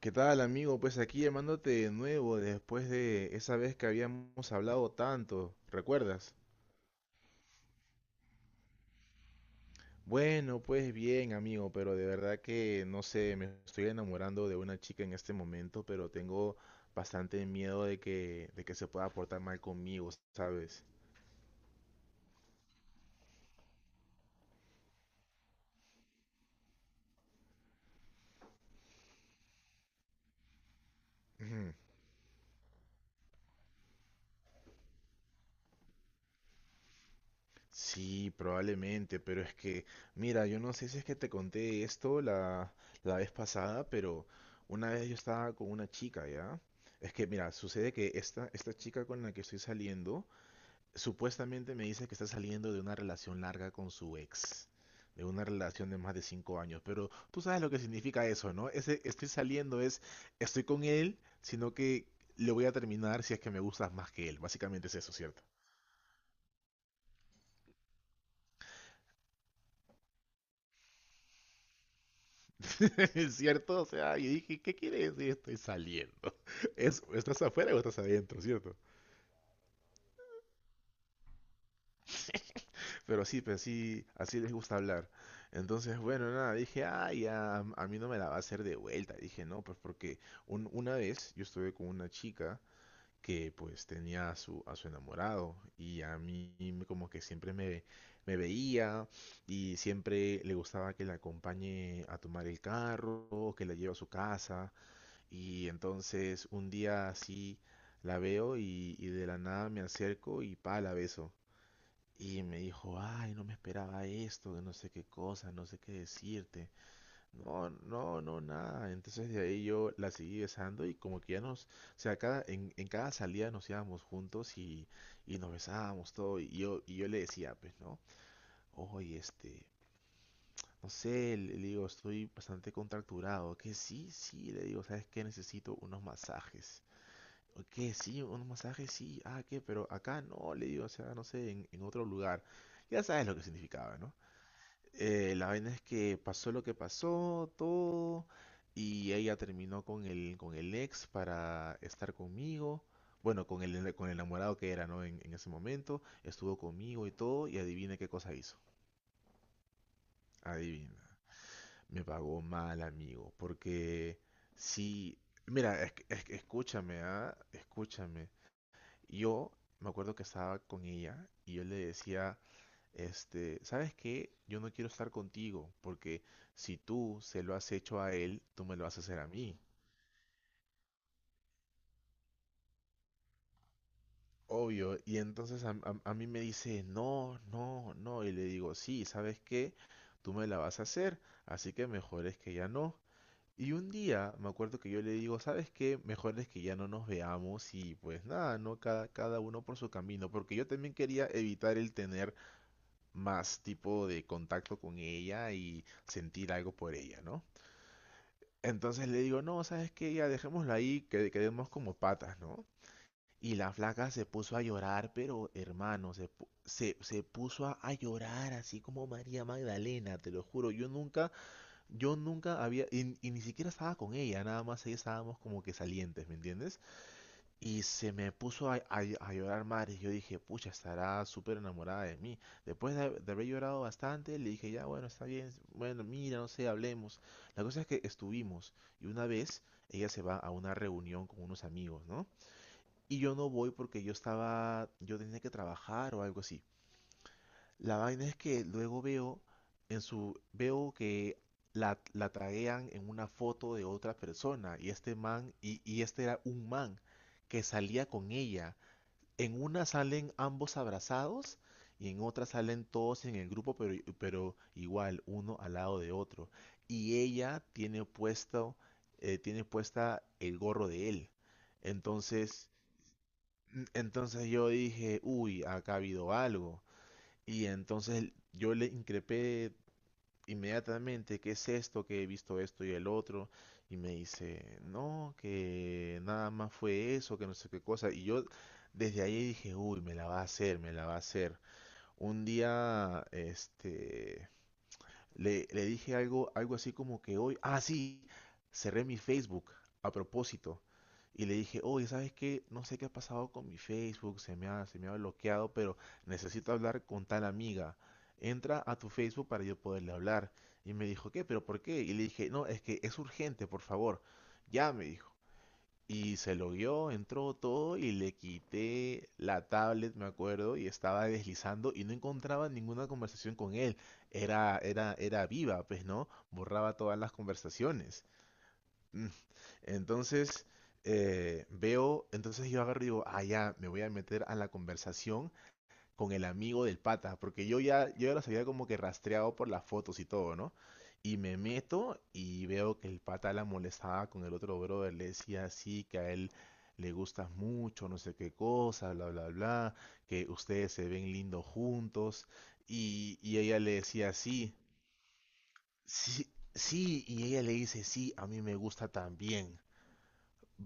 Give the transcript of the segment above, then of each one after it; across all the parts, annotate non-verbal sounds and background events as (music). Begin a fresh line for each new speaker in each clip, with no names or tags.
¿Qué tal, amigo? Pues aquí llamándote de nuevo después de esa vez que habíamos hablado tanto, ¿recuerdas? Bueno, pues bien, amigo, pero de verdad que no sé, me estoy enamorando de una chica en este momento, pero tengo bastante miedo de que se pueda portar mal conmigo, ¿sabes? (clears throat) Sí, probablemente, pero es que, mira, yo no sé si es que te conté esto la vez pasada, pero una vez yo estaba con una chica, ¿ya? Es que, mira, sucede que esta chica con la que estoy saliendo, supuestamente me dice que está saliendo de una relación larga con su ex, de una relación de más de 5 años, pero tú sabes lo que significa eso, ¿no? Ese estoy saliendo es, estoy con él, sino que le voy a terminar si es que me gustas más que él, básicamente es eso. (laughs) ¿Es cierto? O sea, yo dije, ¿qué quiere decir estoy saliendo? (laughs) Es, ¿estás afuera o estás adentro, cierto? Pero sí, así les gusta hablar. Entonces, bueno, nada, dije, ay, ya, a mí no me la va a hacer de vuelta. Dije, no, pues porque una vez yo estuve con una chica que pues tenía a su enamorado y a mí como que siempre me veía y siempre le gustaba que la acompañe a tomar el carro, que la lleve a su casa. Y entonces un día así la veo y de la nada me acerco y pa, la beso. Y me dijo, ay, no me esperaba esto, que no sé qué cosa, no sé qué decirte. No, no, no, nada. Entonces de ahí yo la seguí besando y como que ya nos, o sea, cada, en cada salida nos íbamos juntos y nos besábamos todo. Y yo le decía, pues, ¿no? Oye, no sé, le digo, estoy bastante contracturado. Que sí, sí, le digo, ¿sabes qué? Necesito unos masajes. ¿Qué? Sí, un masaje, sí. Ah, ¿qué? Pero acá no, le digo, o sea, no sé, en otro lugar. Ya sabes lo que significaba, ¿no? La vaina es que pasó lo que pasó, todo, y ella terminó con el, ex para estar conmigo. Bueno, con el, enamorado que era, ¿no? En ese momento, estuvo conmigo y todo, y adivina qué cosa hizo. Adivina. Me pagó mal, amigo, porque sí, mira, es- que escúchame, ¿ah? Escúchame. Yo me acuerdo que estaba con ella y yo le decía, ¿sabes qué? Yo no quiero estar contigo porque si tú se lo has hecho a él, tú me lo vas a hacer a mí. Obvio. Y entonces a mí me dice, no, no, no. Y le digo, sí, ¿sabes qué? Tú me la vas a hacer, así que mejor es que ya no. Y un día me acuerdo que yo le digo, ¿sabes qué? Mejor es que ya no nos veamos y pues nada, ¿no? Cada uno por su camino, porque yo también quería evitar el tener más tipo de contacto con ella y sentir algo por ella, ¿no? Entonces le digo, no, ¿sabes qué? Ya dejémoslo ahí, que quedemos como patas, ¿no? Y la flaca se puso a llorar, pero hermano, se puso a llorar así como María Magdalena, te lo juro. Yo nunca había, y ni siquiera estaba con ella, nada más ahí estábamos como que salientes, ¿me entiendes? Y se me puso a llorar madre. Yo dije, pucha, estará súper enamorada de mí. Después de haber llorado bastante, le dije, ya, bueno, está bien. Bueno, mira, no sé, hablemos. La cosa es que estuvimos. Y una vez, ella se va a una reunión con unos amigos, ¿no? Y yo no voy porque yo estaba, yo tenía que trabajar o algo así. La vaina es que luego veo en su, veo que la taguean en una foto de otra persona. Y este man, y este era un man que salía con ella. En una salen ambos abrazados y en otra salen todos en el grupo, pero, igual, uno al lado de otro. Y ella tiene puesto, tiene puesta el gorro de él. Entonces, entonces yo dije, uy, acá ha habido algo. Y entonces yo le increpé inmediatamente, ¿qué es esto? Que he visto esto y el otro. Y me dice, no, que nada más fue eso, que no sé qué cosa. Y yo desde ahí dije, uy, me la va a hacer, me la va a hacer. Un día, le dije algo, algo así como que hoy, ah, sí, cerré mi Facebook a propósito. Y le dije, oye, ¿sabes qué? No sé qué ha pasado con mi Facebook, se me ha bloqueado, pero necesito hablar con tal amiga. Entra a tu Facebook para yo poderle hablar. Y me dijo, ¿qué? ¿Pero por qué? Y le dije, no, es que es urgente, por favor. Ya, me dijo. Y se lo dio, entró todo y le quité la tablet, me acuerdo, y estaba deslizando y no encontraba ninguna conversación con él. Era viva, pues, ¿no? Borraba todas las conversaciones. Mm. Entonces, entonces yo agarro y digo, ah, ya, me voy a meter a la conversación con el amigo del pata, porque yo ya los había como que rastreado por las fotos y todo, ¿no? Y me meto y veo que el pata la molestaba con el otro brother, le decía así que a él le gustas mucho, no sé qué cosa, bla, bla, bla, que ustedes se ven lindos juntos. Y ella le decía sí, sí, sí, y ella le dice sí, a mí me gusta también.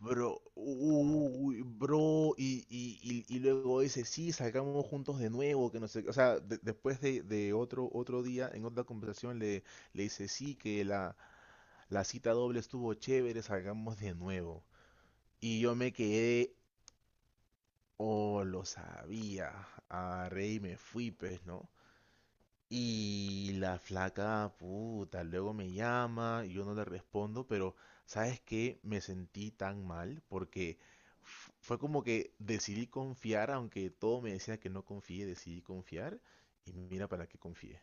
Bro, uy, bro, y luego dice, sí, salgamos juntos de nuevo, que no sé, qué. O sea, después de otro día, en otra conversación, le dice, sí, que la cita doble estuvo chévere, salgamos de nuevo. Y yo me quedé, oh, lo sabía, agarré y me fui, pues, ¿no? Y la flaca, puta, luego me llama y yo no le respondo, pero ¿sabes qué? Me sentí tan mal porque fue como que decidí confiar, aunque todo me decía que no confíe, decidí confiar y mira para qué confié.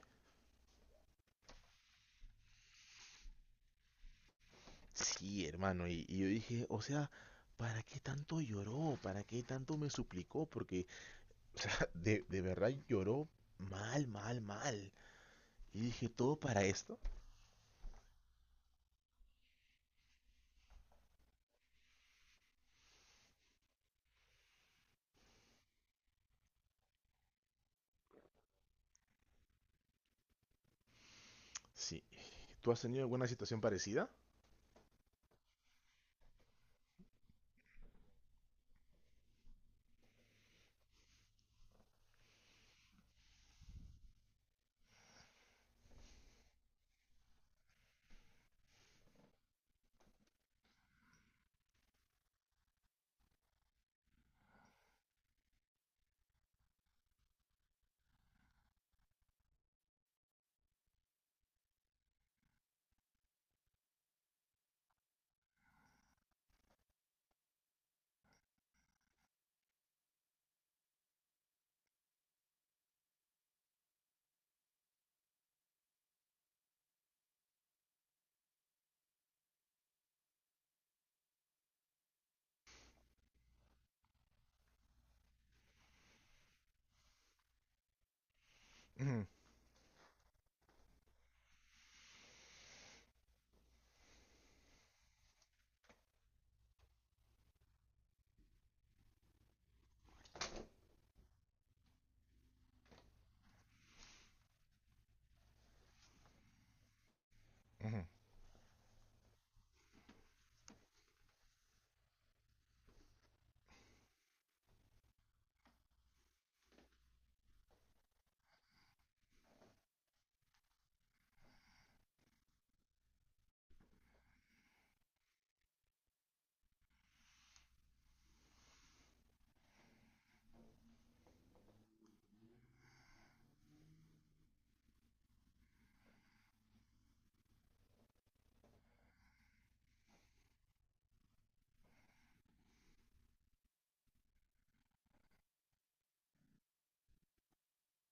Sí, hermano, y yo dije, o sea, ¿para qué tanto lloró? ¿Para qué tanto me suplicó? Porque, o sea, (laughs) de verdad lloró mal, mal, mal. Y dije, ¿todo para esto? Sí. ¿Tú has tenido alguna situación parecida? (clears throat) Ujú.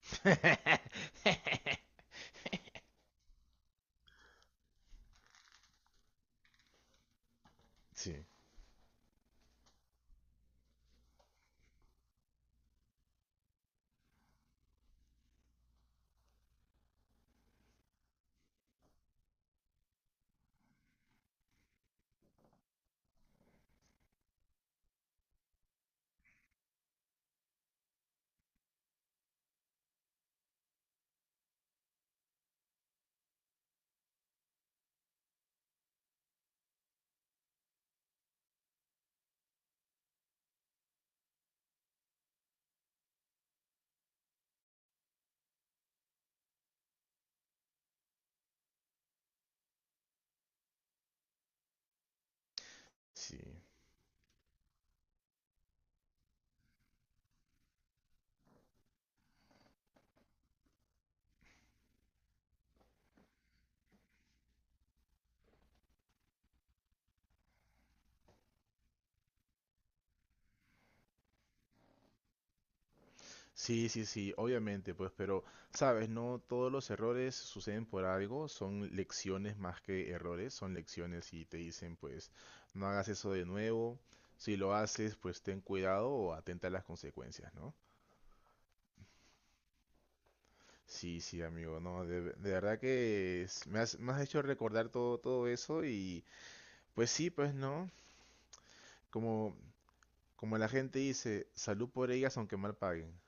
(laughs) Sí, sí. Sí, sí, sí, obviamente, pues, pero, sabes, no todos los errores suceden por algo, son lecciones más que errores, son lecciones y te dicen, pues, no hagas eso de nuevo, si lo haces, pues ten cuidado o atenta a las consecuencias, ¿no? Sí, sí, amigo, no, de verdad que me has hecho recordar todo, todo eso y, pues sí, pues, ¿no? Como, como la gente dice, salud por ellas aunque mal paguen.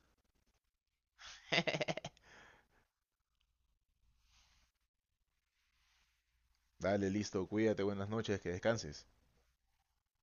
Dale, listo, cuídate, buenas noches, que descanses.